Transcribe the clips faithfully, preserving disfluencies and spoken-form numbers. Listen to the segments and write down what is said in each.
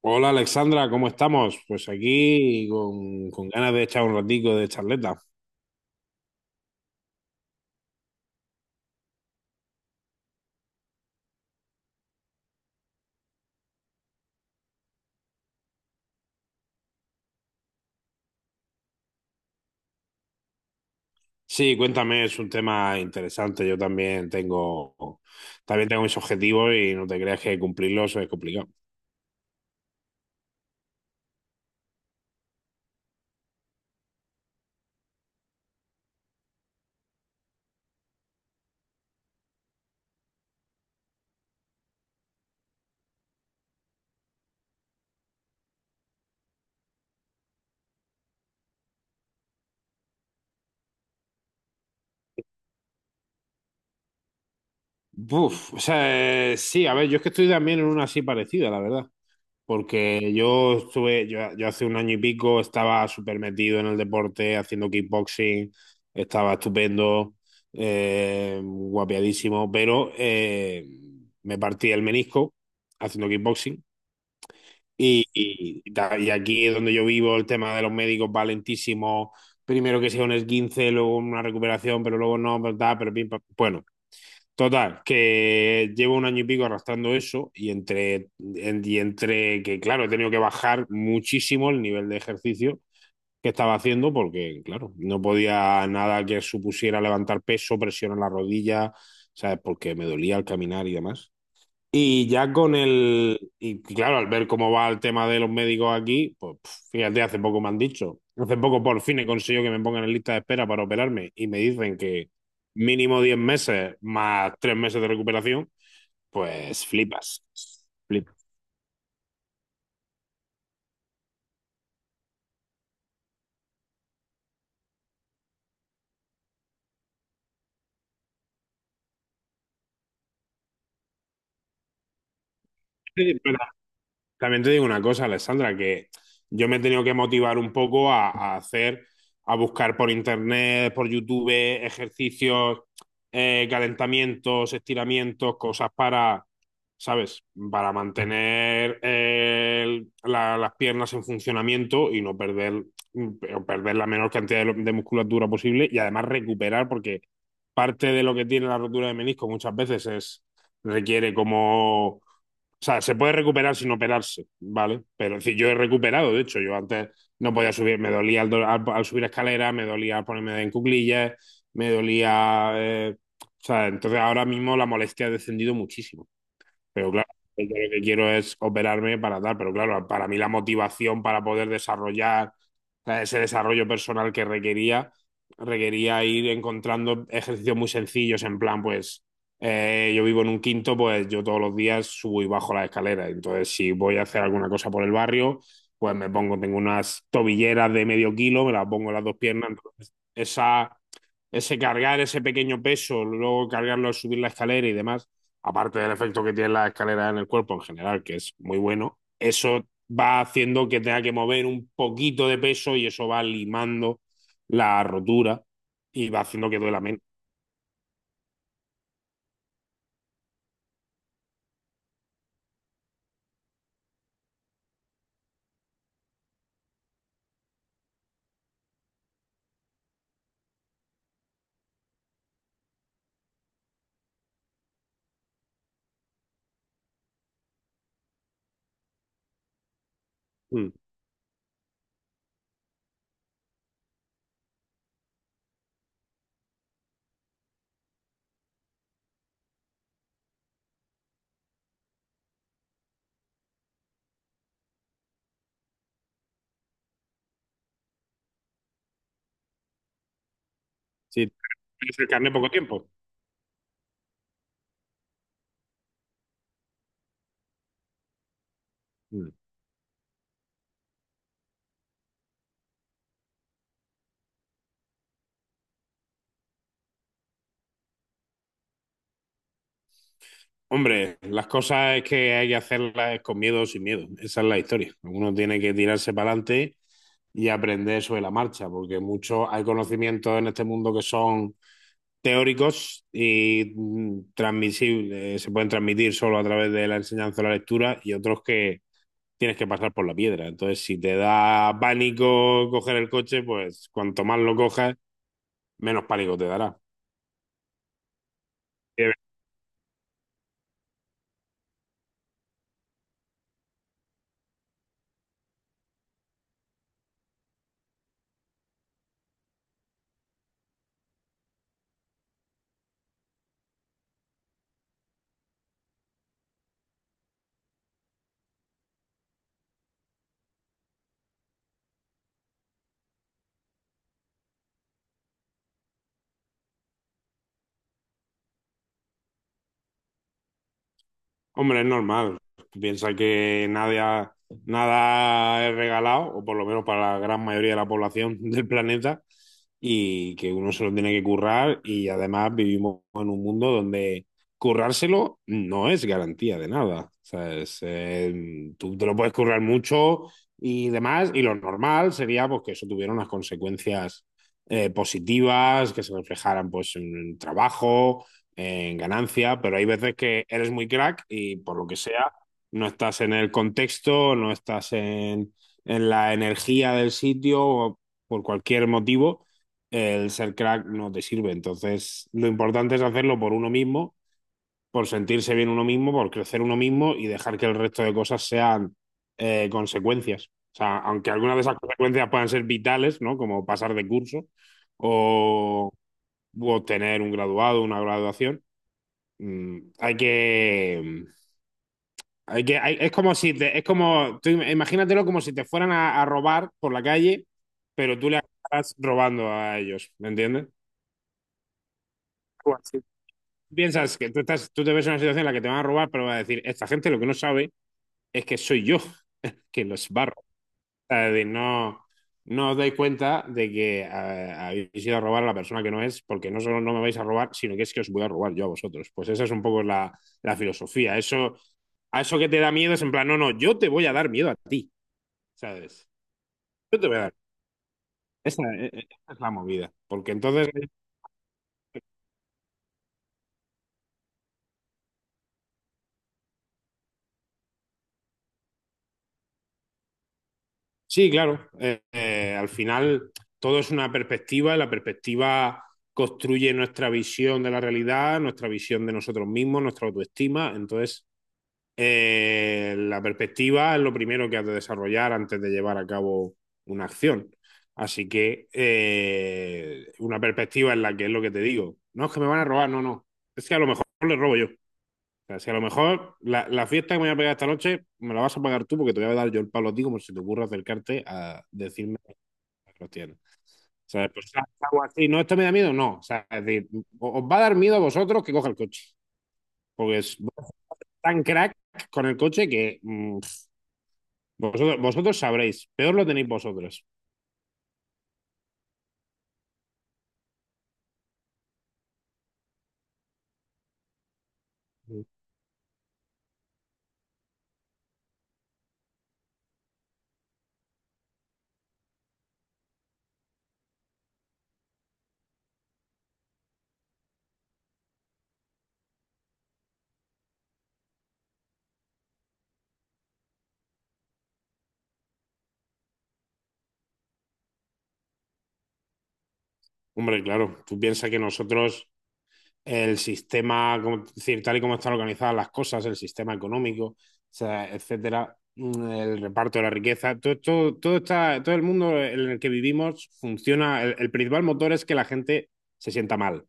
Hola Alexandra, ¿cómo estamos? Pues aquí con, con ganas de echar un ratico de charleta. Sí, cuéntame, es un tema interesante. Yo también tengo, también tengo mis objetivos y no te creas que cumplirlos es complicado. Buf, o sea, eh, sí, a ver, yo es que estoy también en una así parecida, la verdad. Porque yo estuve, yo, yo hace un año y pico estaba súper metido en el deporte, haciendo kickboxing, estaba estupendo, eh, guapiadísimo, pero eh, me partí el menisco haciendo kickboxing. Y, y- y aquí es donde yo vivo, el tema de los médicos va lentísimo. Primero que sea un esguince, luego una recuperación, pero luego no, pero tal, pero pim, pam. Bueno, total, que llevo un año y pico arrastrando eso y entre, en- y entre que, claro, he tenido que bajar muchísimo el nivel de ejercicio que estaba haciendo porque, claro, no podía nada que supusiera levantar peso, presión en la rodilla, ¿sabes? Porque me dolía al caminar y demás. Y ya con el, y claro, al ver cómo va el tema de los médicos aquí, pues pf, fíjate, hace poco me han dicho, hace poco por fin he conseguido que me pongan en lista de espera para operarme y me dicen que mínimo diez meses más tres meses de recuperación, pues flipas, flipas. También te digo una cosa, Alessandra, que yo me he tenido que motivar un poco a, a hacer, a buscar por internet, por YouTube, ejercicios, eh, calentamientos, estiramientos, cosas para, ¿sabes? Para mantener eh, el- la- las piernas en funcionamiento y no perder, perder la menor cantidad de, lo- de musculatura posible y además recuperar, porque parte de lo que tiene la rotura de menisco muchas veces es, requiere como, o sea, se puede recuperar sin operarse, ¿vale? Pero es decir, yo he recuperado, de hecho, yo antes no podía subir, me dolía al, do- al- al subir escalera, me dolía al ponerme en cuclillas, me dolía... eh, o sea, entonces ahora mismo la molestia ha descendido muchísimo. Pero claro, yo lo que quiero es operarme para tal, pero claro, para mí la motivación para poder desarrollar, o sea, ese desarrollo personal que requería, requería ir encontrando ejercicios muy sencillos, en plan, pues eh, yo vivo en un quinto, pues yo todos los días subo y bajo la escalera, entonces si voy a hacer alguna cosa por el barrio, pues me pongo, tengo unas tobilleras de medio kilo, me las pongo en las dos piernas, entonces esa ese cargar ese pequeño peso, luego cargarlo al subir la escalera y demás, aparte del efecto que tiene la escalera en el cuerpo en general, que es muy bueno, eso va haciendo que tenga que mover un poquito de peso y eso va limando la rotura y va haciendo que duela menos. Mm. Sí, tienes el carne poco tiempo. Mm. Hombre, las cosas es que hay que hacerlas con miedo o sin miedo. Esa es la historia. Uno tiene que tirarse para adelante y aprender sobre la marcha, porque mucho hay conocimientos en este mundo que son teóricos y mm, transmisibles, se pueden transmitir solo a través de la enseñanza o la lectura y otros que tienes que pasar por la piedra. Entonces, si te da pánico coger el coche, pues cuanto más lo cojas, menos pánico te dará. Hombre, es normal. Piensa que nada, nada es regalado, o por lo menos para la gran mayoría de la población del planeta, y que uno se lo tiene que currar. Y además vivimos en un mundo donde currárselo no es garantía de nada. ¿Sabes? Eh, tú te lo puedes currar mucho y demás, y lo normal sería, pues, que eso tuviera unas consecuencias eh, positivas, que se reflejaran, pues, en el trabajo, en ganancia, pero hay veces que eres muy crack y por lo que sea, no estás en el contexto, no estás en, en la energía del sitio o por cualquier motivo, el ser crack no te sirve. Entonces, lo importante es hacerlo por uno mismo, por sentirse bien uno mismo, por crecer uno mismo y dejar que el resto de cosas sean, eh, consecuencias. O sea, aunque algunas de esas consecuencias puedan ser vitales, ¿no? Como pasar de curso o, o obtener un graduado, una graduación. Mm, hay que. mm, Hay que hay- es como si te. Es como. Tú im- imagínatelo como si te fueran a, a robar por la calle, pero tú le estás robando a ellos. ¿Me entiendes? Algo así. Piensas que tú estás, tú te ves en una situación en la que te van a robar, pero vas a decir, esta gente lo que no sabe es que soy yo que los barro. Es decir, no, no os dais cuenta de que eh, habéis ido a robar a la persona que no es, porque no solo no me vais a robar, sino que es que os voy a robar yo a vosotros. Pues esa es un poco la, la filosofía. Eso, a eso que te da miedo es, en plan, no, no, yo te voy a dar miedo a ti, ¿sabes? Yo te voy a dar. Esa, eh, eh, esa es la movida. Porque entonces, eh, sí, claro, eh, eh, al final todo es una perspectiva y la perspectiva construye nuestra visión de la realidad, nuestra visión de nosotros mismos, nuestra autoestima. Entonces, eh, la perspectiva es lo primero que has de desarrollar antes de llevar a cabo una acción. Así que, eh, una perspectiva en la que es lo que te digo. No es que me van a robar, no, no. Es que a lo mejor le robo yo. O sea, si a lo mejor la, la fiesta que me voy a pegar esta noche me la vas a pagar tú porque te voy a dar yo el palo a ti como si te ocurra acercarte a decirme que los tienes. ¿Sabes? Pues algo así. No, esto me da miedo, no. O sea, es decir, os va a dar miedo a vosotros que coja el coche. Porque es tan crack con el coche que mm, Vosotros, vosotros sabréis, peor lo tenéis vosotros. Hombre, claro, tú piensas que nosotros, el sistema, como, es decir, tal y como están organizadas las cosas, el sistema económico, o sea, etcétera, mm, el reparto de la riqueza, todo, todo, todo, está, todo el mundo en el que vivimos funciona. El, el principal motor es que la gente se sienta mal,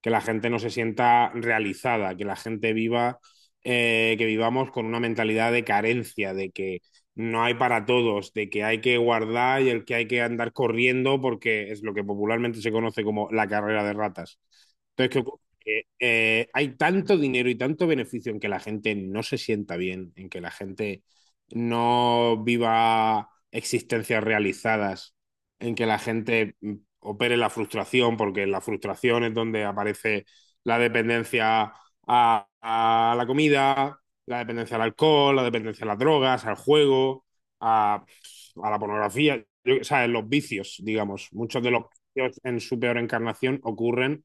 que la gente no se sienta realizada, que la gente viva, eh, que vivamos con una mentalidad de carencia, de que no hay para todos, de que hay que guardar y el que hay que andar corriendo porque es lo que popularmente se conoce como la carrera de ratas. Entonces, ¿qué ocurre? Que, eh, hay tanto dinero y tanto beneficio en que la gente no se sienta bien, en que la gente no viva existencias realizadas, en que la gente opere la frustración, porque en la frustración es donde aparece la dependencia a, a la comida, la dependencia al alcohol, la dependencia a las drogas, al juego, a, a la pornografía, yo, o sea, los vicios, digamos. Muchos de los vicios en su peor encarnación ocurren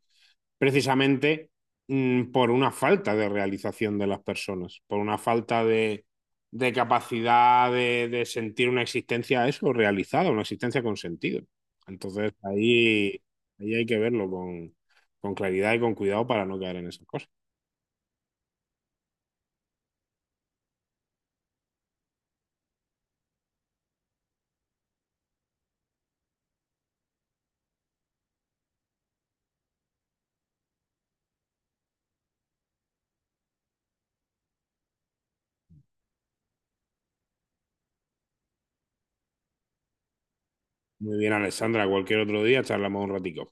precisamente, mm, por una falta de realización de las personas, por una falta de, de capacidad de, de sentir una existencia eso realizada, una existencia con sentido. Entonces ahí, ahí, hay que verlo con, con claridad y con cuidado para no caer en esas cosas. Muy bien, Alessandra, cualquier otro día charlamos un ratico.